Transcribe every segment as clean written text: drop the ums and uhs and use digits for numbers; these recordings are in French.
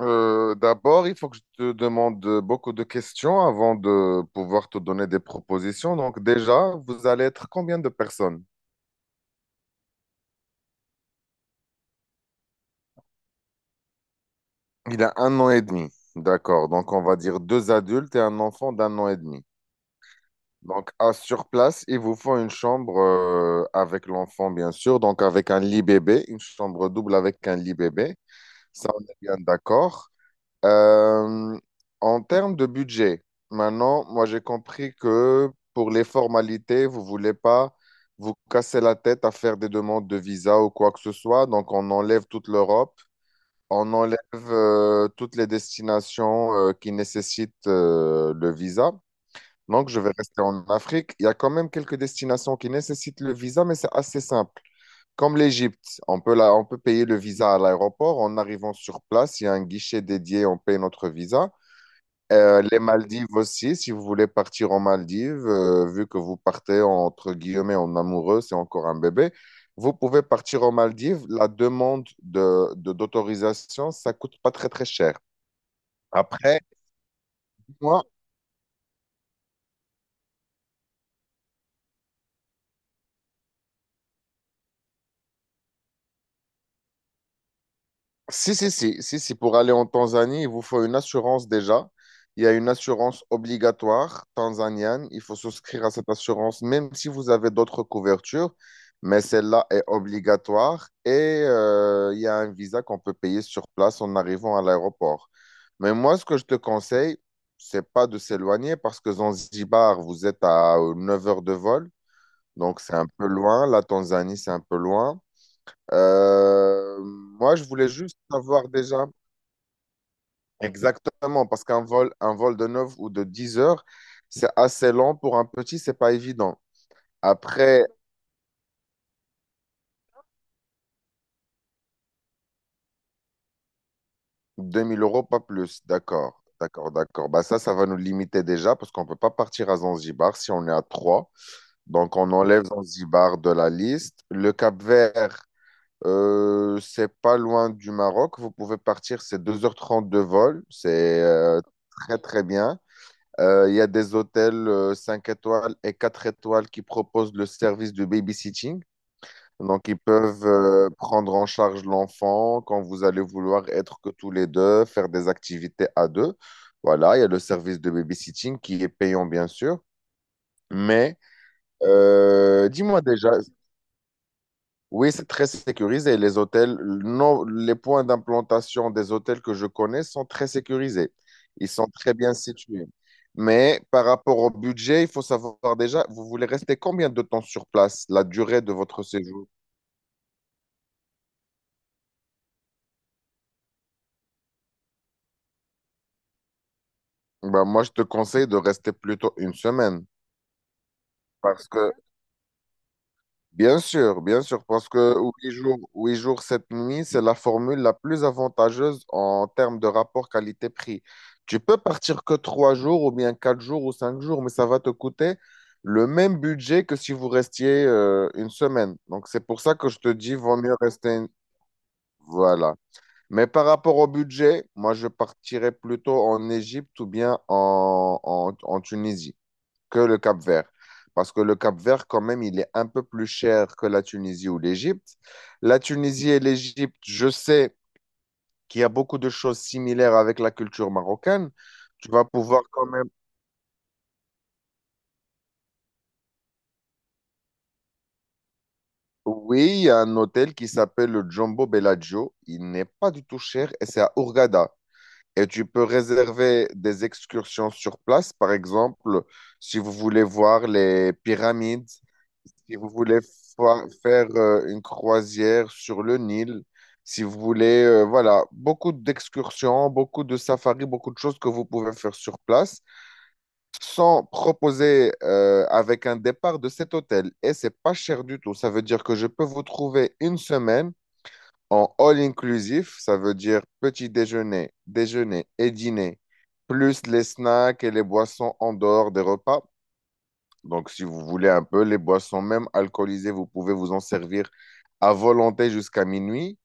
D'abord, il faut que je te demande beaucoup de questions avant de pouvoir te donner des propositions. Donc déjà, vous allez être combien de personnes? Il a un an et demi. D'accord. Donc on va dire deux adultes et un enfant d'un an et demi. Donc à sur place, il vous faut une chambre avec l'enfant, bien sûr. Donc avec un lit bébé, une chambre double avec un lit bébé. Ça, on est bien d'accord. Euh, En termes de budget, maintenant, moi j'ai compris que pour les formalités, vous voulez pas vous casser la tête à faire des demandes de visa ou quoi que ce soit. Donc on enlève toute l'Europe, on enlève toutes les destinations qui nécessitent le visa. Donc je vais rester en Afrique. Il y a quand même quelques destinations qui nécessitent le visa, mais c'est assez simple. Comme l'Égypte, on peut payer le visa à l'aéroport. En arrivant sur place, il y a un guichet dédié, on paye notre visa. Les Maldives aussi, si vous voulez partir en Maldives, vu que vous partez entre guillemets en amoureux, c'est encore un bébé, vous pouvez partir aux Maldives. La demande d'autorisation, ça coûte pas très très cher. Après, moi, Si, si, si, si, si, pour aller en Tanzanie, il vous faut une assurance déjà. Il y a une assurance obligatoire tanzanienne. Il faut souscrire à cette assurance, même si vous avez d'autres couvertures, mais celle-là est obligatoire. Et il y a un visa qu'on peut payer sur place en arrivant à l'aéroport. Mais moi, ce que je te conseille, c'est pas de s'éloigner parce que Zanzibar, vous êtes à 9 heures de vol. Donc, c'est un peu loin. La Tanzanie, c'est un peu loin. Moi, je voulais juste savoir déjà exactement, parce qu'un vol, un vol de 9 ou de 10 heures, c'est assez long pour un petit, c'est pas évident. Après 2 000 euros, pas plus. D'accord, d'accord, d'accord. Bah ça, ça va nous limiter déjà, parce qu'on peut pas partir à Zanzibar si on est à 3. Donc, on enlève Zanzibar de la liste. Le Cap-Vert, c'est pas loin du Maroc. Vous pouvez partir, c'est 2h30 de vol. C'est très, très bien. Il y a des hôtels 5 étoiles et 4 étoiles qui proposent le service de babysitting. Donc, ils peuvent prendre en charge l'enfant quand vous allez vouloir être que tous les deux, faire des activités à deux. Voilà, il y a le service de babysitting qui est payant, bien sûr. Mais dis-moi déjà, oui, c'est très sécurisé. Les hôtels, non, les points d'implantation des hôtels que je connais sont très sécurisés. Ils sont très bien situés. Mais par rapport au budget, il faut savoir déjà, vous voulez rester combien de temps sur place, la durée de votre séjour? Ben, moi, je te conseille de rester plutôt une semaine. Parce que bien sûr, parce que 8 jours, 8 jours, 7 nuits, c'est la formule la plus avantageuse en termes de rapport qualité-prix. Tu peux partir que 3 jours ou bien 4 jours ou 5 jours, mais ça va te coûter le même budget que si vous restiez une semaine. Donc c'est pour ça que je te dis, vaut mieux rester. Voilà. Mais par rapport au budget, moi je partirais plutôt en Égypte ou bien en Tunisie que le Cap-Vert. Parce que le Cap-Vert, quand même, il est un peu plus cher que la Tunisie ou l'Égypte. La Tunisie et l'Égypte, je sais qu'il y a beaucoup de choses similaires avec la culture marocaine. Tu vas pouvoir quand même. Oui, il y a un hôtel qui s'appelle le Jumbo Bellagio. Il n'est pas du tout cher et c'est à Hurghada. Et tu peux réserver des excursions sur place, par exemple, si vous voulez voir les pyramides. Si vous voulez faire une croisière sur le Nil, si vous voulez, voilà, beaucoup d'excursions, beaucoup de safaris, beaucoup de choses que vous pouvez faire sur place, sans proposer avec un départ de cet hôtel. Et c'est pas cher du tout. Ça veut dire que je peux vous trouver une semaine en all inclusif. Ça veut dire petit déjeuner, déjeuner et dîner, plus les snacks et les boissons en dehors des repas. Donc, si vous voulez un peu, les boissons, même alcoolisées, vous pouvez vous en servir à volonté jusqu'à minuit.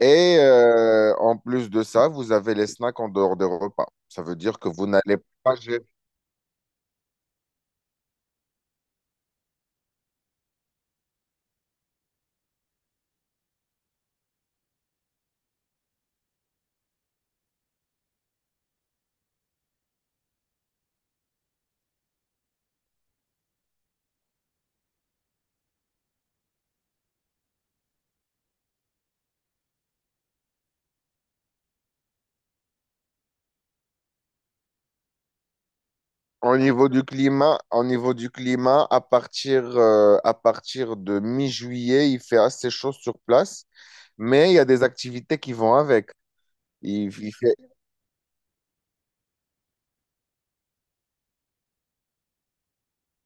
Et en plus de ça, vous avez les snacks en dehors des repas. Ça veut dire que vous n'allez pas gérer. Au niveau du climat, au niveau du climat, à partir de mi-juillet, il fait assez chaud sur place, mais il y a des activités qui vont avec. Il fait,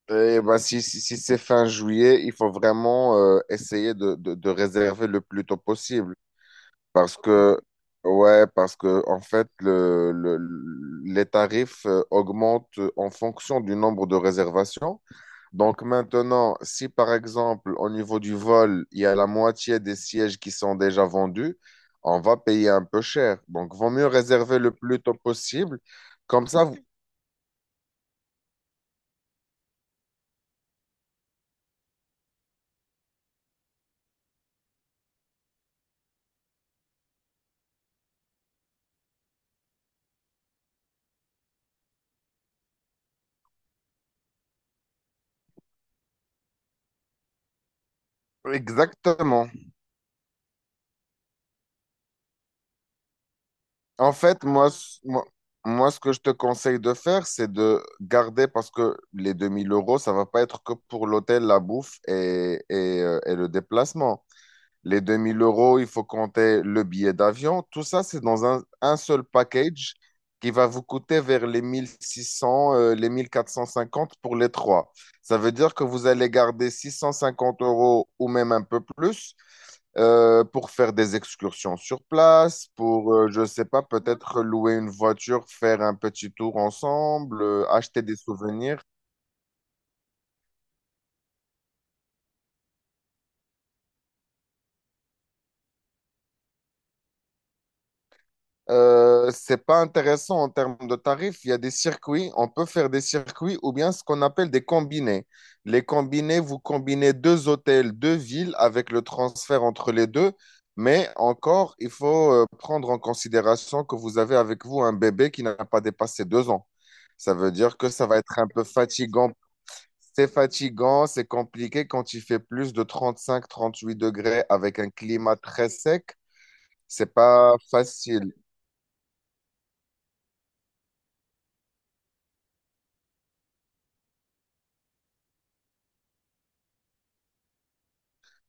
eh ben, si c'est fin juillet, il faut vraiment essayer de réserver le plus tôt possible. Parce que, ouais, parce que, en fait, les tarifs augmentent en fonction du nombre de réservations. Donc maintenant, si par exemple, au niveau du vol, il y a la moitié des sièges qui sont déjà vendus, on va payer un peu cher. Donc, vaut mieux réserver le plus tôt possible. Comme ça, exactement. En fait, moi, ce que je te conseille de faire, c'est de garder, parce que les 2 000 euros, ça va pas être que pour l'hôtel, la bouffe et le déplacement. Les 2 000 euros, il faut compter le billet d'avion. Tout ça, c'est dans un seul package qui va vous coûter vers les 1600, les 1 450 pour les trois. Ça veut dire que vous allez garder 650 euros ou même un peu plus pour faire des excursions sur place, je ne sais pas, peut-être louer une voiture, faire un petit tour ensemble, acheter des souvenirs. C'est pas intéressant en termes de tarifs. Il y a des circuits, on peut faire des circuits ou bien ce qu'on appelle des combinés. Les combinés, vous combinez deux hôtels, deux villes avec le transfert entre les deux, mais encore, il faut prendre en considération que vous avez avec vous un bébé qui n'a pas dépassé 2 ans. Ça veut dire que ça va être un peu fatigant. C'est fatigant, c'est compliqué quand il fait plus de 35-38 degrés avec un climat très sec. C'est pas facile.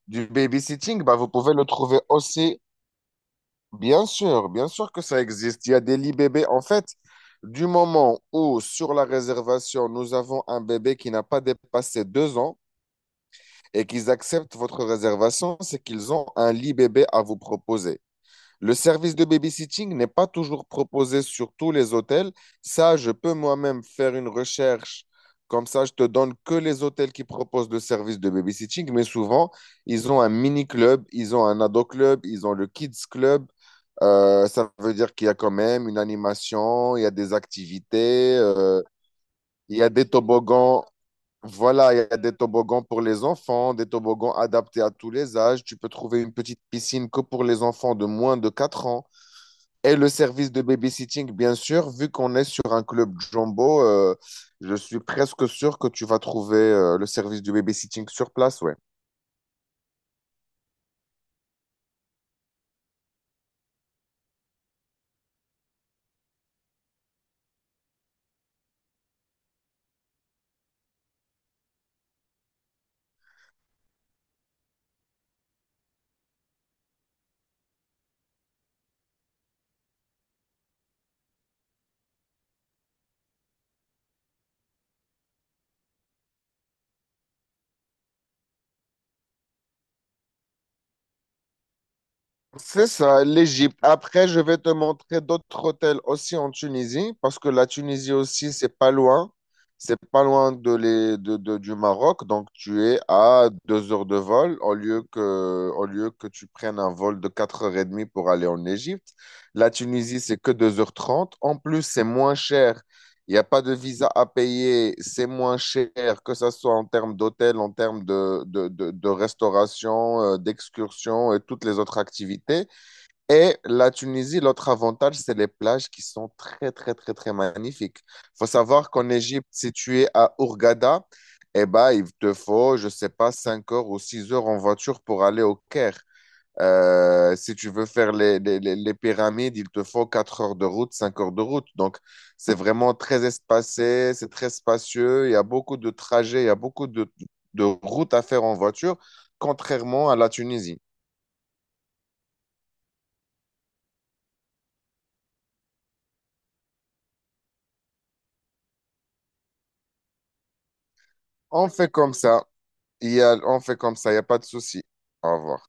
Du babysitting, bah, vous pouvez le trouver aussi, bien sûr que ça existe. Il y a des lits bébés. En fait, du moment où sur la réservation, nous avons un bébé qui n'a pas dépassé 2 ans et qu'ils acceptent votre réservation, c'est qu'ils ont un lit bébé à vous proposer. Le service de babysitting n'est pas toujours proposé sur tous les hôtels. Ça, je peux moi-même faire une recherche. Comme ça, je te donne que les hôtels qui proposent le service de babysitting. Mais souvent, ils ont un mini-club, ils ont un ado-club, ils ont le kids club. Ça veut dire qu'il y a quand même une animation, il y a des activités, il y a des toboggans. Voilà, il y a des toboggans pour les enfants, des toboggans adaptés à tous les âges. Tu peux trouver une petite piscine que pour les enfants de moins de 4 ans. Et le service de babysitting, bien sûr, vu qu'on est sur un club jumbo, je suis presque sûr que tu vas trouver le service du babysitting sur place, ouais. C'est ça, l'Égypte. Après, je vais te montrer d'autres hôtels aussi en Tunisie, parce que la Tunisie aussi, c'est pas loin. C'est pas loin de les, de- du Maroc, donc tu es à 2 heures de vol au lieu que tu prennes un vol de 4h30 pour aller en Égypte. La Tunisie, c'est que 2h30. En plus, c'est moins cher. Il n'y a pas de visa à payer, c'est moins cher, que ce soit en termes d'hôtel, en termes de restauration, d'excursion et toutes les autres activités. Et la Tunisie, l'autre avantage, c'est les plages qui sont très, très, très, très magnifiques. Il faut savoir qu'en Égypte, si tu es à Hurghada, eh ben, il te faut, je sais pas, 5 heures ou 6 heures en voiture pour aller au Caire. Si tu veux faire les pyramides, il te faut 4 heures de route, 5 heures de route. Donc, c'est vraiment très espacé, c'est très spacieux. Il y a beaucoup de trajets, il y a beaucoup de routes à faire en voiture, contrairement à la Tunisie. On fait comme ça. On fait comme ça, il n'y a pas de souci. Au revoir.